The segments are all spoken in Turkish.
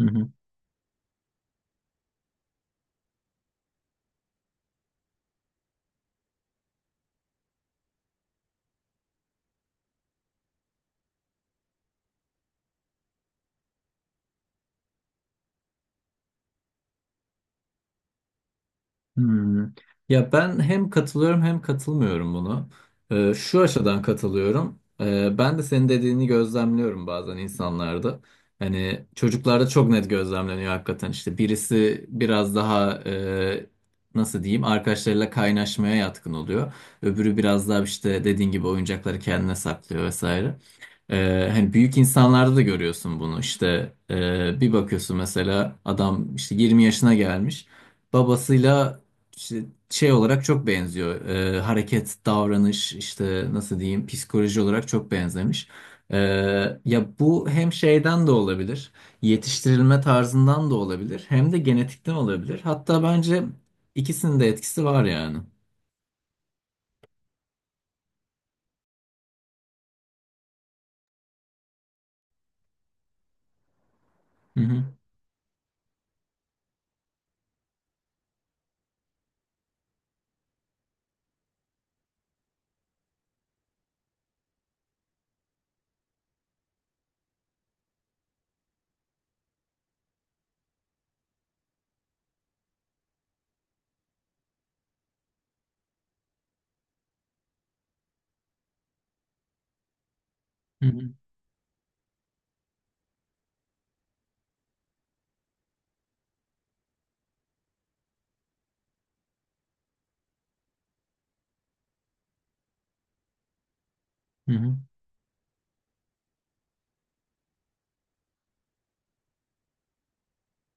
Hı hı. Hmm. Ya ben hem katılıyorum hem katılmıyorum bunu. Şu açıdan katılıyorum. Ben de senin dediğini gözlemliyorum bazen insanlarda. Hani çocuklarda çok net gözlemleniyor hakikaten. İşte birisi biraz daha nasıl diyeyim, arkadaşlarıyla kaynaşmaya yatkın oluyor. Öbürü biraz daha işte dediğin gibi oyuncakları kendine saklıyor vesaire. Hani büyük insanlarda da görüyorsun bunu, işte bir bakıyorsun, mesela adam işte 20 yaşına gelmiş, babasıyla işte şey olarak çok benziyor. Hareket, davranış, işte nasıl diyeyim, psikoloji olarak çok benzemiş. Ee, ya bu hem şeyden de olabilir, yetiştirilme tarzından da olabilir, hem de genetikten olabilir. Hatta bence ikisinin de etkisi var yani. Hı hı, hı hı, hı hı.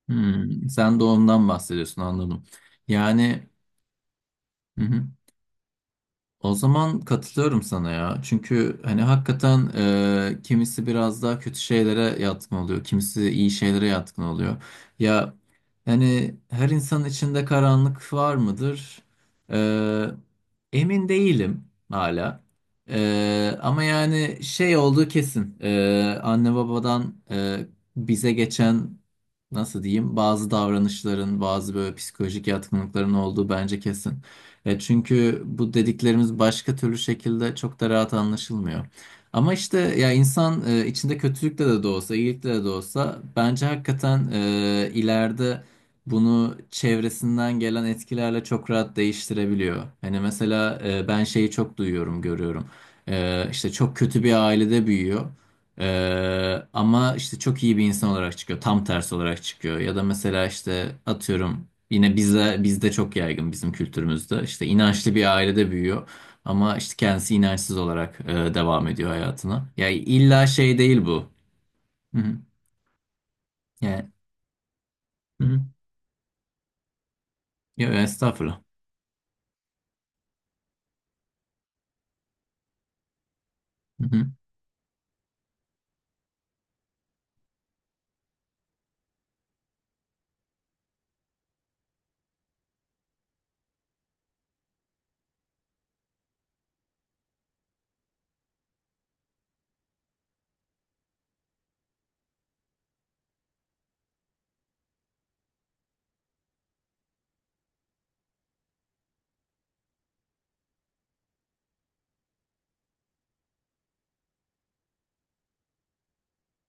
Hmm, sen doğumdan bahsediyorsun, anladım. Yani. Hı hı. O zaman katılıyorum sana ya. Çünkü hani hakikaten kimisi biraz daha kötü şeylere yatkın oluyor. Kimisi iyi şeylere yatkın oluyor. Ya hani her insanın içinde karanlık var mıdır? E, emin değilim hala. Ama yani şey olduğu kesin. Anne babadan bize geçen, nasıl diyeyim, bazı davranışların, bazı böyle psikolojik yatkınlıkların olduğu bence kesin. Çünkü bu dediklerimiz başka türlü şekilde çok da rahat anlaşılmıyor. Ama işte ya insan, içinde kötülükle de olsa, iyilikle de olsa bence hakikaten ileride bunu çevresinden gelen etkilerle çok rahat değiştirebiliyor. Hani mesela ben şeyi çok duyuyorum, görüyorum. E, işte çok kötü bir ailede büyüyor. Ama işte çok iyi bir insan olarak çıkıyor. Tam tersi olarak çıkıyor. Ya da mesela işte atıyorum, yine bizde çok yaygın, bizim kültürümüzde. İşte inançlı bir ailede büyüyor. Ama işte kendisi inançsız olarak devam ediyor hayatına. Ya illa şey değil bu. Hı hı. Yani, hı hı. Ya, estağfurullah. Hı hı.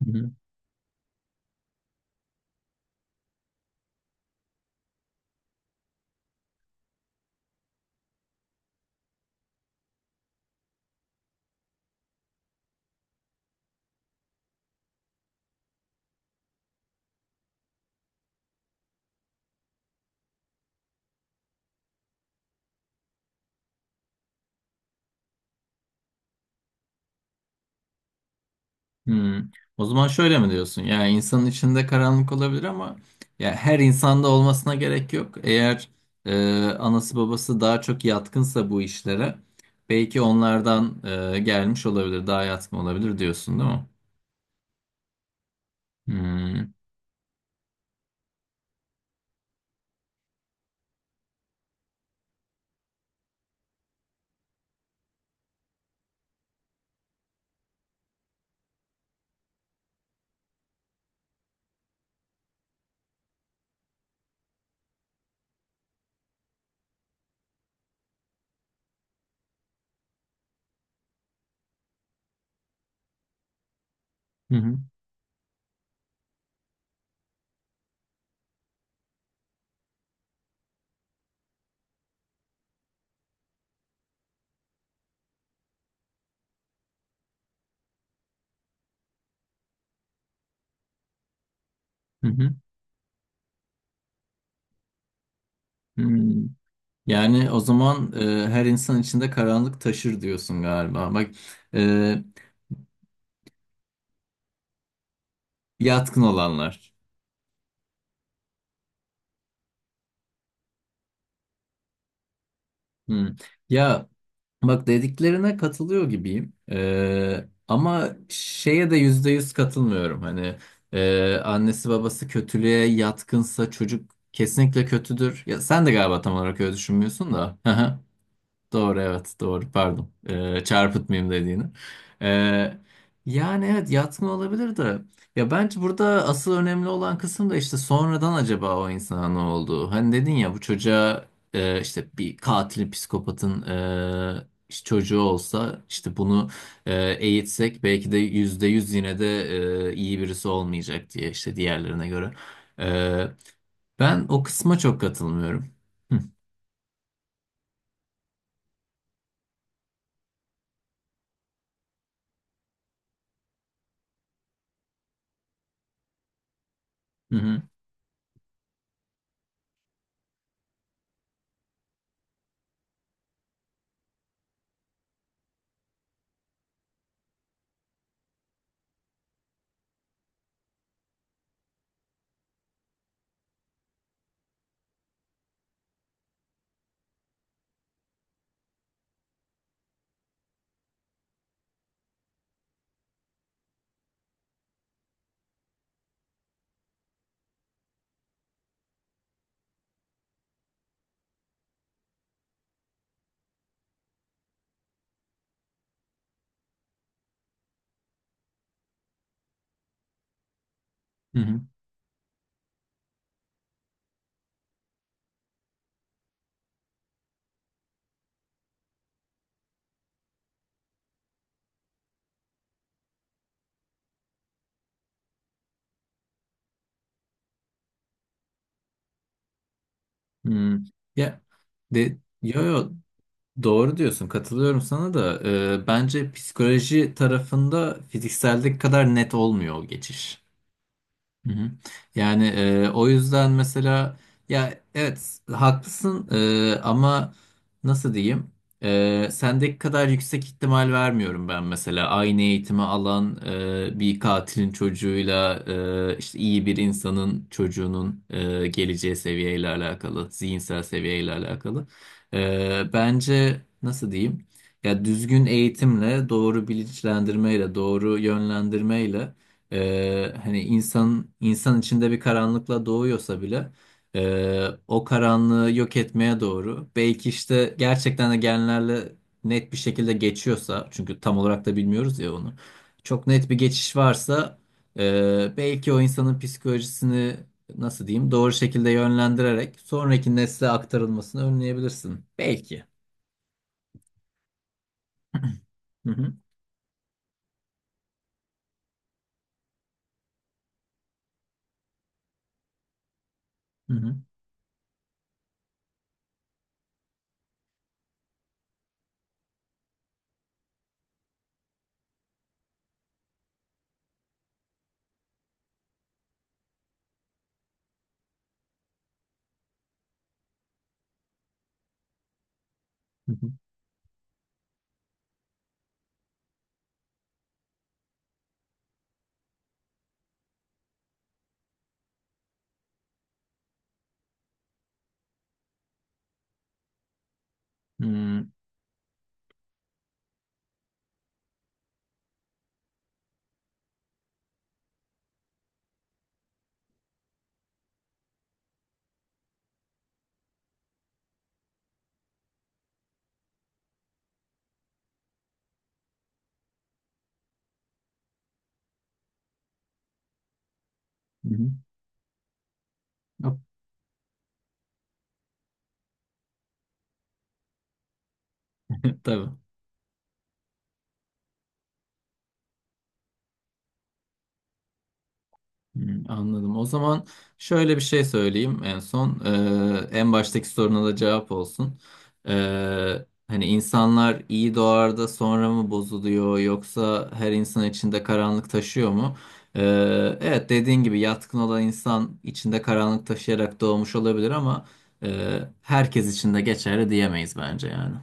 Hı hı. Hmm. O zaman şöyle mi diyorsun? Yani insanın içinde karanlık olabilir ama ya her insanda olmasına gerek yok. Eğer anası babası daha çok yatkınsa bu işlere, belki onlardan gelmiş olabilir, daha yatkın olabilir diyorsun, değil mi? Hmm. Hı hı. Hı hı. Hmm. Yani o zaman her insan içinde karanlık taşır diyorsun galiba. Bak, e, yatkın olanlar. Hmm. Ya, bak, dediklerine katılıyor gibiyim. Ama şeye de yüzde yüz katılmıyorum. Hani annesi babası kötülüğe yatkınsa çocuk kesinlikle kötüdür. Ya sen de galiba tam olarak öyle düşünmüyorsun da. Doğru, evet, doğru, pardon. Çarpıtmayayım dediğini. Ee, yani evet, yatma olabilir de ya bence burada asıl önemli olan kısım da işte sonradan acaba o insana ne oldu? Hani dedin ya, bu çocuğa işte bir katilin, psikopatın işte çocuğu olsa, işte bunu e, eğitsek belki de yüzde yüz yine de iyi birisi olmayacak diye, işte diğerlerine göre. Ee, ben o kısma çok katılmıyorum. Hı hı hı. Hı. Hmm. Ya, de, yo yo, doğru diyorsun, katılıyorum sana da. Bence psikoloji tarafında fizikseldeki kadar net olmuyor o geçiş. Hı hı. Yani o yüzden mesela, ya evet haklısın ama nasıl diyeyim, sendeki kadar yüksek ihtimal vermiyorum ben mesela, aynı eğitimi alan bir katilin çocuğuyla işte iyi bir insanın çocuğunun geleceği seviyeyle alakalı, zihinsel seviyeyle alakalı. Bence nasıl diyeyim, ya düzgün eğitimle, doğru bilinçlendirmeyle, doğru yönlendirmeyle, hani insan içinde bir karanlıkla doğuyorsa bile, o karanlığı yok etmeye doğru, belki işte gerçekten de genlerle net bir şekilde geçiyorsa, çünkü tam olarak da bilmiyoruz ya onu, çok net bir geçiş varsa, belki o insanın psikolojisini, nasıl diyeyim, doğru şekilde yönlendirerek sonraki nesle aktarılmasını önleyebilirsin belki. Hı hı, hı hı, hı hı. Hmm, hı hı. Yok. Tabii. Hmm, anladım. O zaman şöyle bir şey söyleyeyim en son. En baştaki soruna da cevap olsun. Hani insanlar iyi doğar da sonra mı bozuluyor, yoksa her insan içinde karanlık taşıyor mu? Evet, dediğin gibi yatkın olan insan içinde karanlık taşıyarak doğmuş olabilir ama herkes için de geçerli diyemeyiz bence yani.